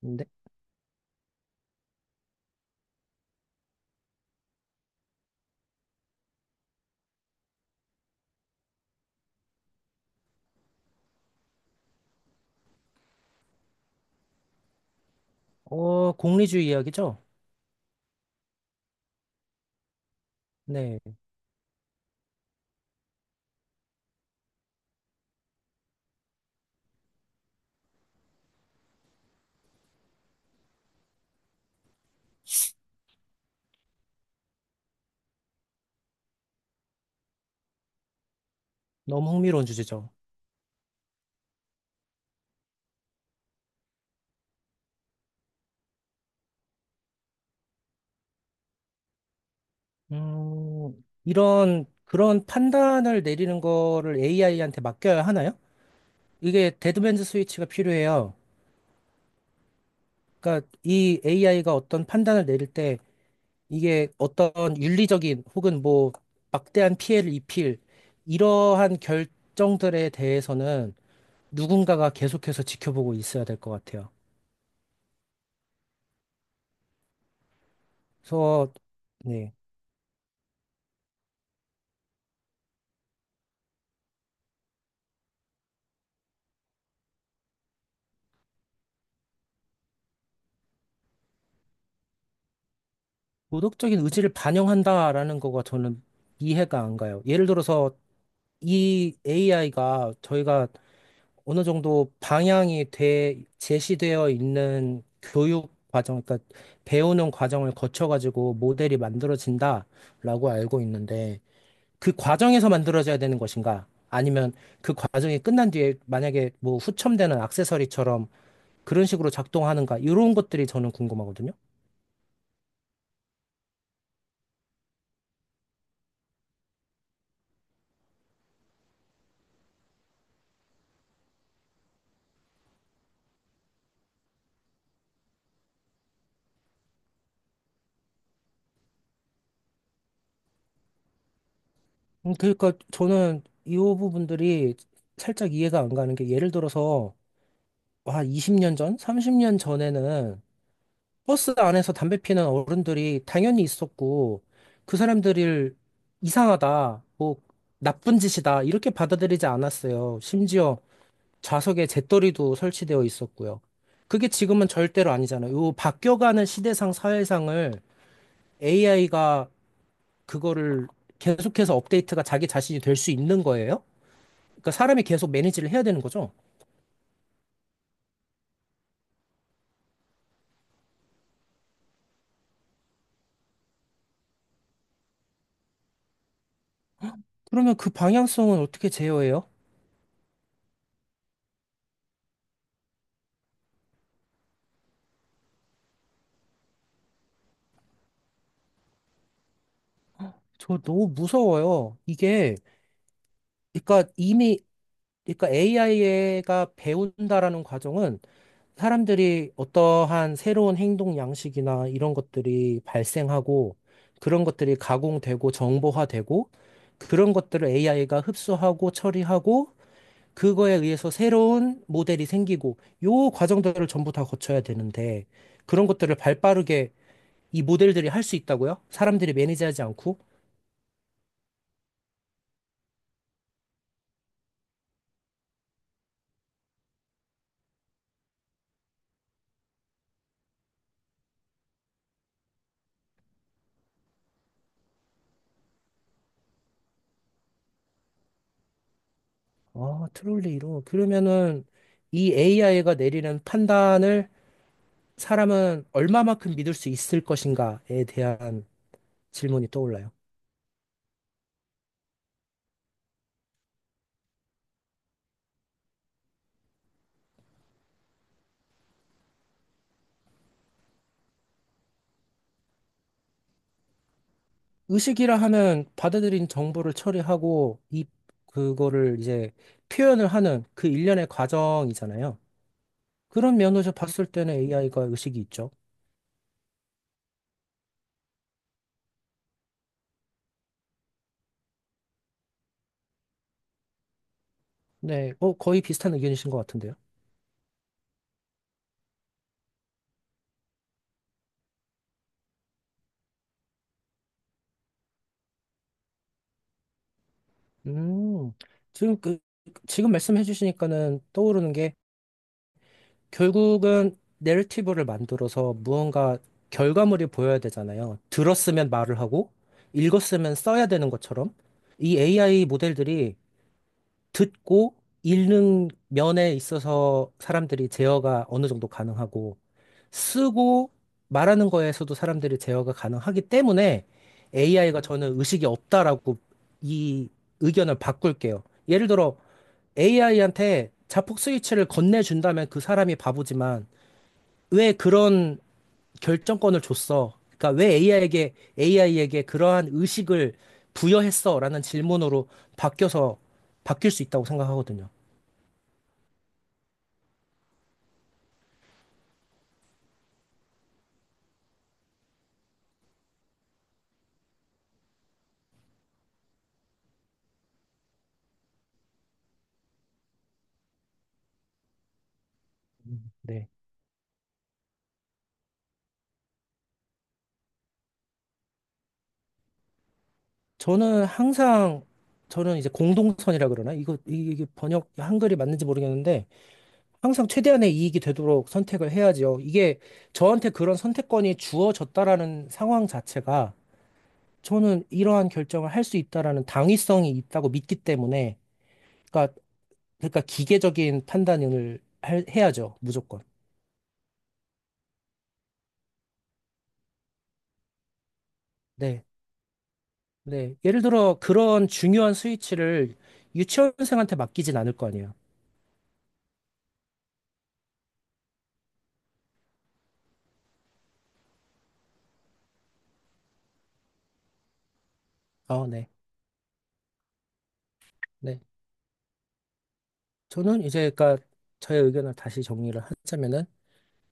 네. 공리주의 이야기죠? 네. 너무 흥미로운 주제죠. 그런 판단을 내리는 거를 AI한테 맡겨야 하나요? 이게 데드맨즈 스위치가 필요해요. 그러니까 이 AI가 어떤 판단을 내릴 때 이게 어떤 윤리적인 혹은 뭐 막대한 피해를 입힐 이러한 결정들에 대해서는 누군가가 계속해서 지켜보고 있어야 될 것 같아요. 그래서, 네. 도덕적인 의지를 반영한다라는 거가 저는 이해가 안 가요. 예를 들어서 이 AI가 저희가 어느 정도 방향이 돼 제시되어 있는 교육 과정, 그러니까 배우는 과정을 거쳐가지고 모델이 만들어진다라고 알고 있는데, 그 과정에서 만들어져야 되는 것인가? 아니면 그 과정이 끝난 뒤에 만약에 뭐 후첨되는 액세서리처럼 그런 식으로 작동하는가? 이런 것들이 저는 궁금하거든요. 그러니까 저는 이 부분들이 살짝 이해가 안 가는 게 예를 들어서 와, 20년 전, 30년 전에는 버스 안에서 담배 피는 어른들이 당연히 있었고 그 사람들을 이상하다, 뭐 나쁜 짓이다 이렇게 받아들이지 않았어요. 심지어 좌석에 재떨이도 설치되어 있었고요. 그게 지금은 절대로 아니잖아요. 요 바뀌어가는 시대상 사회상을 AI가 그거를 계속해서 업데이트가 자기 자신이 될 수 있는 거예요? 그러니까 사람이 계속 매니지를 해야 되는 거죠. 그러면 그 방향성은 어떻게 제어해요? 저 너무 무서워요. 이게, 그러니까 이미, 그러니까 AI가 배운다라는 과정은 사람들이 어떠한 새로운 행동 양식이나 이런 것들이 발생하고 그런 것들이 가공되고 정보화되고 그런 것들을 AI가 흡수하고 처리하고 그거에 의해서 새로운 모델이 생기고 요 과정들을 전부 다 거쳐야 되는데 그런 것들을 발빠르게 이 모델들이 할 수 있다고요? 사람들이 매니지하지 않고? 아, 트롤리로. 그러면은 이 AI가 내리는 판단을 사람은 얼마만큼 믿을 수 있을 것인가에 대한 질문이 떠올라요. 의식이라 하면 받아들인 정보를 처리하고 이 그거를 이제 표현을 하는 그 일련의 과정이잖아요. 그런 면에서 봤을 때는 AI가 의식이 있죠. 네, 거의 비슷한 의견이신 것 같은데요. 음, 지금 그, 지금 말씀해 주시니까는 떠오르는 게 결국은 내러티브를 만들어서 무언가 결과물이 보여야 되잖아요. 들었으면 말을 하고, 읽었으면 써야 되는 것처럼, 이 AI 모델들이 듣고 읽는 면에 있어서 사람들이 제어가 어느 정도 가능하고, 쓰고 말하는 거에서도 사람들이 제어가 가능하기 때문에 AI가 저는 의식이 없다라고 이 의견을 바꿀게요. 예를 들어 AI한테 자폭 스위치를 건네준다면 그 사람이 바보지만 왜 그런 결정권을 줬어? 그러니까 왜 AI에게 그러한 의식을 부여했어라는 질문으로 바뀌어서 바뀔 수 있다고 생각하거든요. 네. 저는 항상 저는 이제 공동선이라 그러나 이게 번역 한글이 맞는지 모르겠는데, 항상 최대한의 이익이 되도록 선택을 해야지요. 이게 저한테 그런 선택권이 주어졌다라는 상황 자체가 저는 이러한 결정을 할 수 있다라는 당위성이 있다고 믿기 때문에, 그러니까 그러니까 기계적인 판단을 해야죠, 무조건. 네, 네. 예를 들어 그런 중요한 스위치를 유치원생한테 맡기진 않을 거 아니에요. 아, 네, 네. 저는 이제 그러니까 저의 의견을 다시 정리를 하자면은,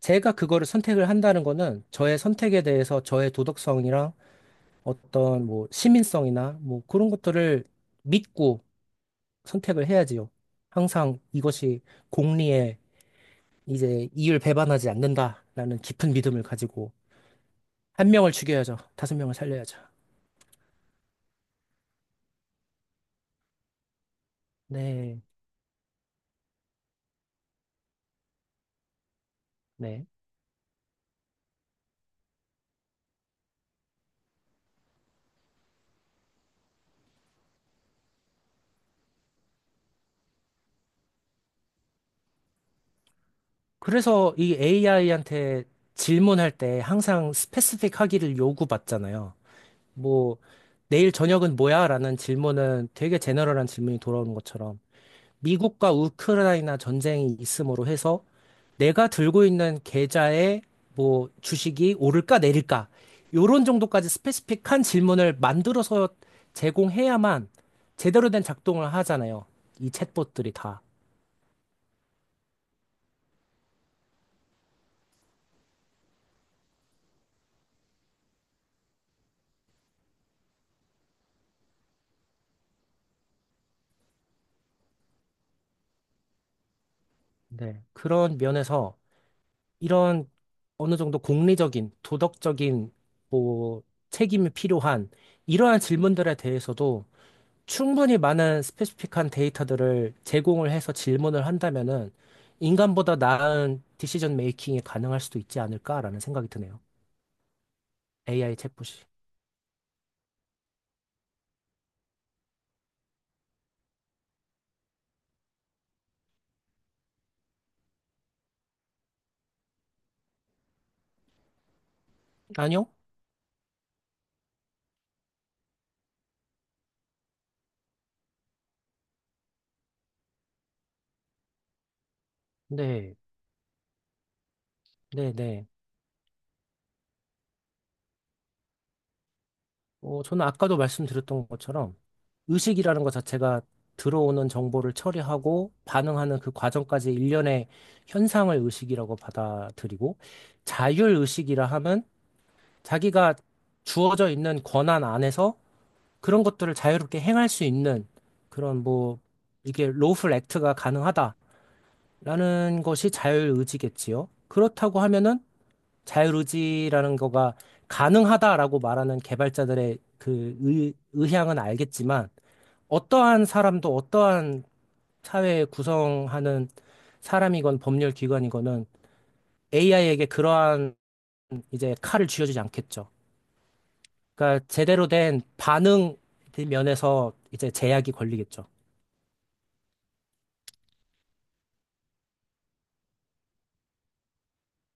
제가 그거를 선택을 한다는 거는 저의 선택에 대해서 저의 도덕성이랑 어떤 뭐 시민성이나 뭐 그런 것들을 믿고 선택을 해야지요. 항상 이것이 공리에 이제 이율 배반하지 않는다라는 깊은 믿음을 가지고. 한 명을 죽여야죠. 다섯 명을 살려야죠. 네, 네. 그래서 이 AI한테 질문할 때 항상 스페시픽 하기를 요구받잖아요. 뭐, 내일 저녁은 뭐야? 라는 질문은 되게 제너럴한 질문이 돌아오는 것처럼 미국과 우크라이나 전쟁이 있음으로 해서 내가 들고 있는 계좌에 뭐 주식이 오를까 내릴까 요런 정도까지 스페시픽한 질문을 만들어서 제공해야만 제대로 된 작동을 하잖아요. 이 챗봇들이 다. 네. 그런 면에서 이런 어느 정도 공리적인, 도덕적인 뭐 책임이 필요한 이러한 질문들에 대해서도 충분히 많은 스페시픽한 데이터들을 제공을 해서 질문을 한다면은 인간보다 나은 디시전 메이킹이 가능할 수도 있지 않을까라는 생각이 드네요. AI 챗봇이. 아니요? 네. 네, 네. 저는 아까도 말씀드렸던 것처럼, 의식이라는 것 자체가 들어오는 정보를 처리하고 반응하는 그 과정까지 일련의 현상을 의식이라고 받아들이고, 자율의식이라 하면 자기가 주어져 있는 권한 안에서 그런 것들을 자유롭게 행할 수 있는 그런 뭐 이게 로플 액트가 가능하다라는 것이 자율의지겠지요. 그렇다고 하면은 자유의지라는 거가 가능하다라고 말하는 개발자들의 그 의향은 알겠지만, 어떠한 사람도 어떠한 사회 구성하는 사람이건 법률 기관이건은 AI에게 그러한 이제 칼을 쥐어주지 않겠죠. 그러니까 제대로 된 반응 면에서 이제 제약이 걸리겠죠.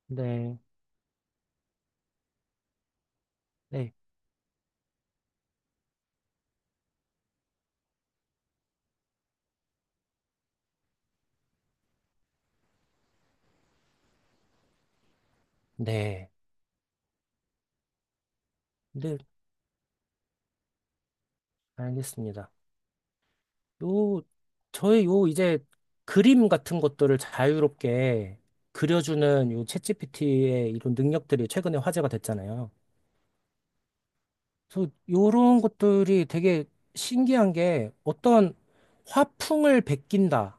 네, 네, 네. 네, 알겠습니다. 요, 저의 요 이제 그림 같은 것들을 자유롭게 그려주는 요 챗GPT의 이런 능력들이 최근에 화제가 됐잖아요. 그래서 요런 것들이 되게 신기한 게 어떤 화풍을 베낀다.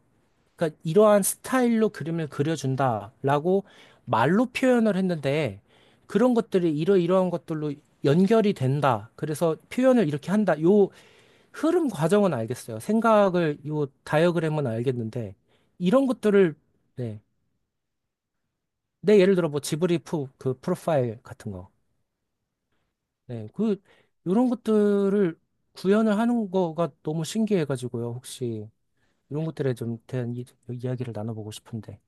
그러니까 이러한 스타일로 그림을 그려준다라고 말로 표현을 했는데 그런 것들이 이러이러한 것들로 연결이 된다. 그래서 표현을 이렇게 한다. 요 흐름 과정은 알겠어요. 생각을, 요 다이어그램은 알겠는데, 이런 것들을, 네. 내 예를 들어 뭐 지브리프 그 프로파일 같은 거. 네. 요런 것들을 구현을 하는 거가 너무 신기해가지고요. 혹시 이런 것들에 좀 대한 이야기를 나눠보고 싶은데.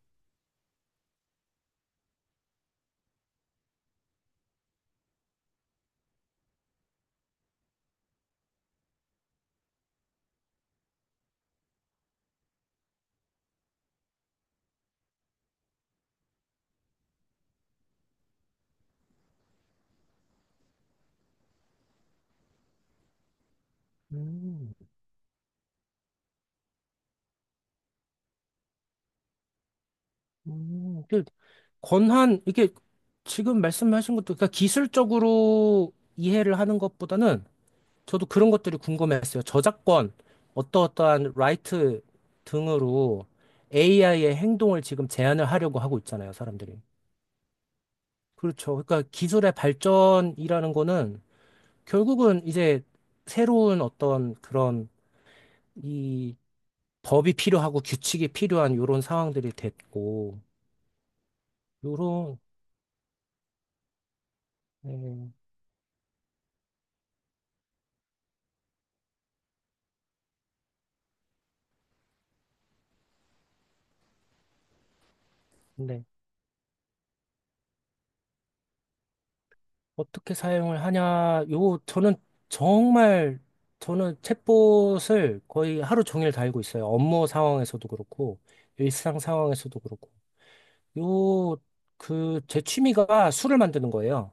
음, 그 권한, 이게 지금 말씀하신 것도, 그러니까 기술적으로 이해를 하는 것보다는 저도 그런 것들이 궁금했어요. 저작권, 어떠어떠한 라이트 등으로 AI의 행동을 지금 제한을 하려고 하고 있잖아요, 사람들이. 그렇죠. 그러니까 기술의 발전이라는 거는 결국은 이제 새로운 어떤 그런 이 법이 필요하고 규칙이 필요한 이런 상황들이 됐고, 요런, 네. 네. 어떻게 사용을 하냐, 요, 저는 정말, 저는 챗봇을 거의 하루 종일 달고 있어요. 업무 상황에서도 그렇고, 일상 상황에서도 그렇고. 요, 제 취미가 술을 만드는 거예요.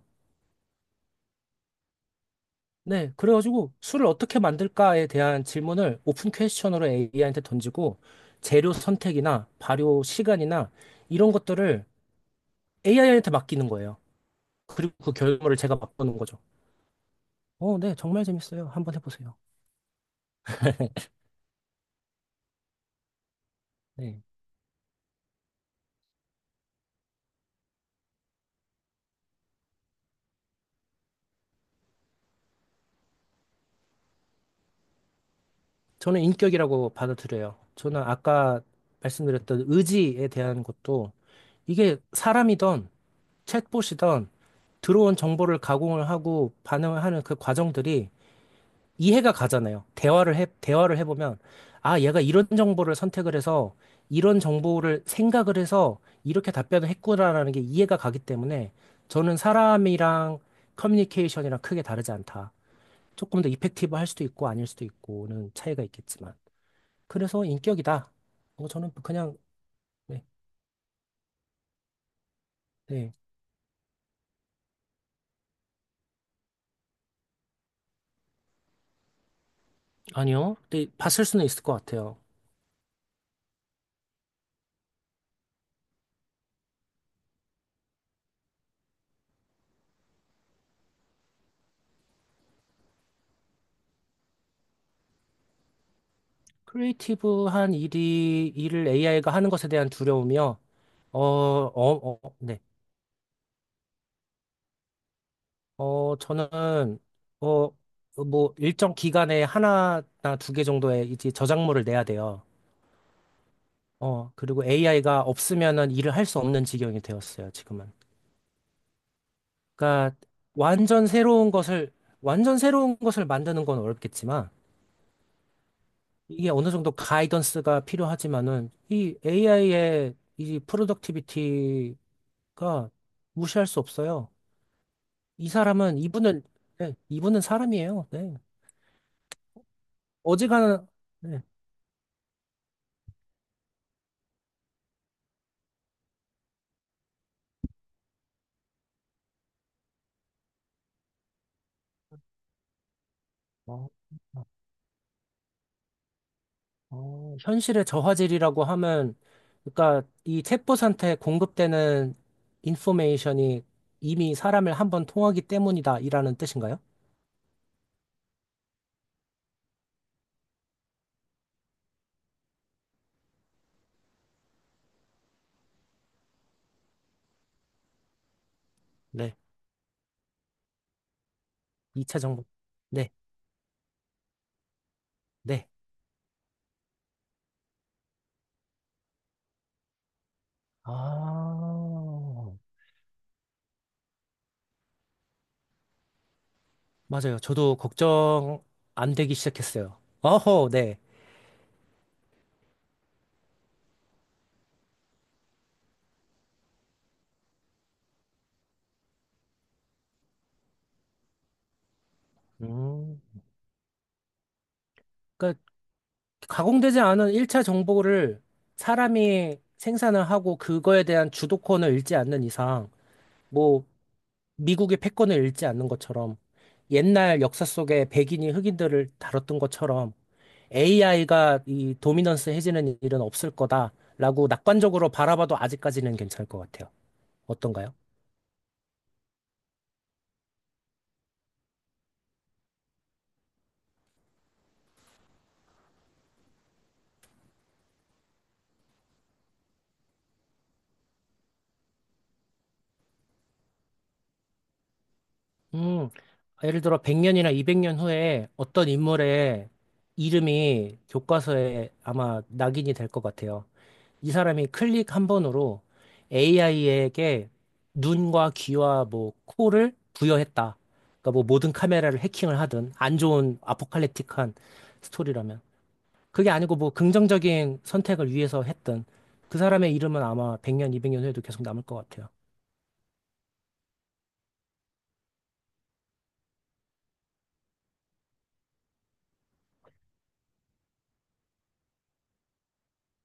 네, 그래가지고 술을 어떻게 만들까에 대한 질문을 오픈 퀘스천으로 AI한테 던지고, 재료 선택이나 발효 시간이나 이런 것들을 AI한테 맡기는 거예요. 그리고 그 결과를 제가 맛보는 거죠. 네, 정말 재밌어요. 한번 해보세요. 네. 저는 인격이라고 받아들여요. 저는 아까 말씀드렸던 의지에 대한 것도 이게 사람이든 챗봇이든 들어온 정보를 가공을 하고 반응을 하는 그 과정들이 이해가 가잖아요. 대화를 해보면, 아, 얘가 이런 정보를 선택을 해서 이런 정보를 생각을 해서 이렇게 답변을 했구나라는 게 이해가 가기 때문에 저는 사람이랑 커뮤니케이션이랑 크게 다르지 않다. 조금 더 이펙티브 할 수도 있고 아닐 수도 있고는 차이가 있겠지만. 그래서 인격이다. 저는 그냥. 네, 네. 아니요. 근데 봤을 수는 있을 것 같아요. 크리에이티브한 일이 일을 AI가 하는 것에 대한 두려움이요. 네. 저는 어, 뭐 일정 기간에 하나나 두 개 정도의 이제 저작물을 내야 돼요. 그리고 AI가 없으면은 일을 할 수 없는 지경이 되었어요, 지금은. 그러니까 완전 새로운 것을 완전 새로운 것을 만드는 건 어렵겠지만 이게 어느 정도 가이던스가 필요하지만은 이 AI의 이 프로덕티비티가 무시할 수 없어요. 이 사람은 이분은 네, 이분은 사람이에요. 네. 어지간한 네. 어, 현실의 저화질이라고 하면 그러니까 이 챗봇한테 공급되는 인포메이션이 이미 사람을 한번 통하기 때문이다 이라는 뜻인가요? 네. 2차 정보. 네. 네. 아. 맞아요. 저도 걱정 안 되기 시작했어요. 어허, 네. 음, 그러니까 가공되지 않은 1차 정보를 사람이 생산을 하고 그거에 대한 주도권을 잃지 않는 이상, 뭐 미국의 패권을 잃지 않는 것처럼 옛날 역사 속에 백인이 흑인들을 다뤘던 것처럼 AI가 이 도미넌스 해지는 일은 없을 거다라고 낙관적으로 바라봐도 아직까지는 괜찮을 것 같아요. 어떤가요? 음, 예를 들어 100년이나 200년 후에 어떤 인물의 이름이 교과서에 아마 낙인이 될 것 같아요. 이 사람이 클릭 한 번으로 AI에게 눈과 귀와 뭐 코를 부여했다. 그러니까 뭐 모든 카메라를 해킹을 하든 안 좋은 아포칼립틱한 스토리라면 그게 아니고 뭐 긍정적인 선택을 위해서 했든 그 사람의 이름은 아마 100년, 200년 후에도 계속 남을 것 같아요.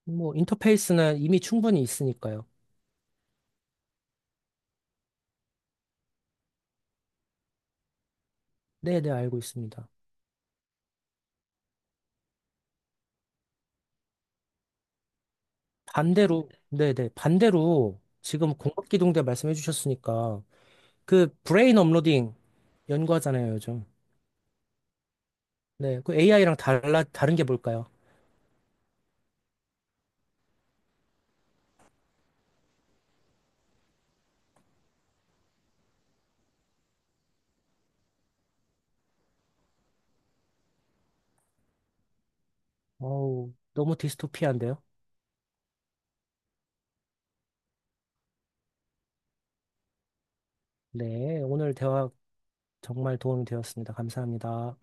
뭐 인터페이스는 이미 충분히 있으니까요. 네, 네, 알고 있습니다. 반대로, 네네. 반대로 지금 공급기동대 말씀해 주셨으니까 그 브레인 업로딩 연구하잖아요, 요즘. 네. 그 AI랑 다른 게 뭘까요? 어우, 너무 디스토피아인데요? 네. 오늘 대화 정말 도움이 되었습니다. 감사합니다.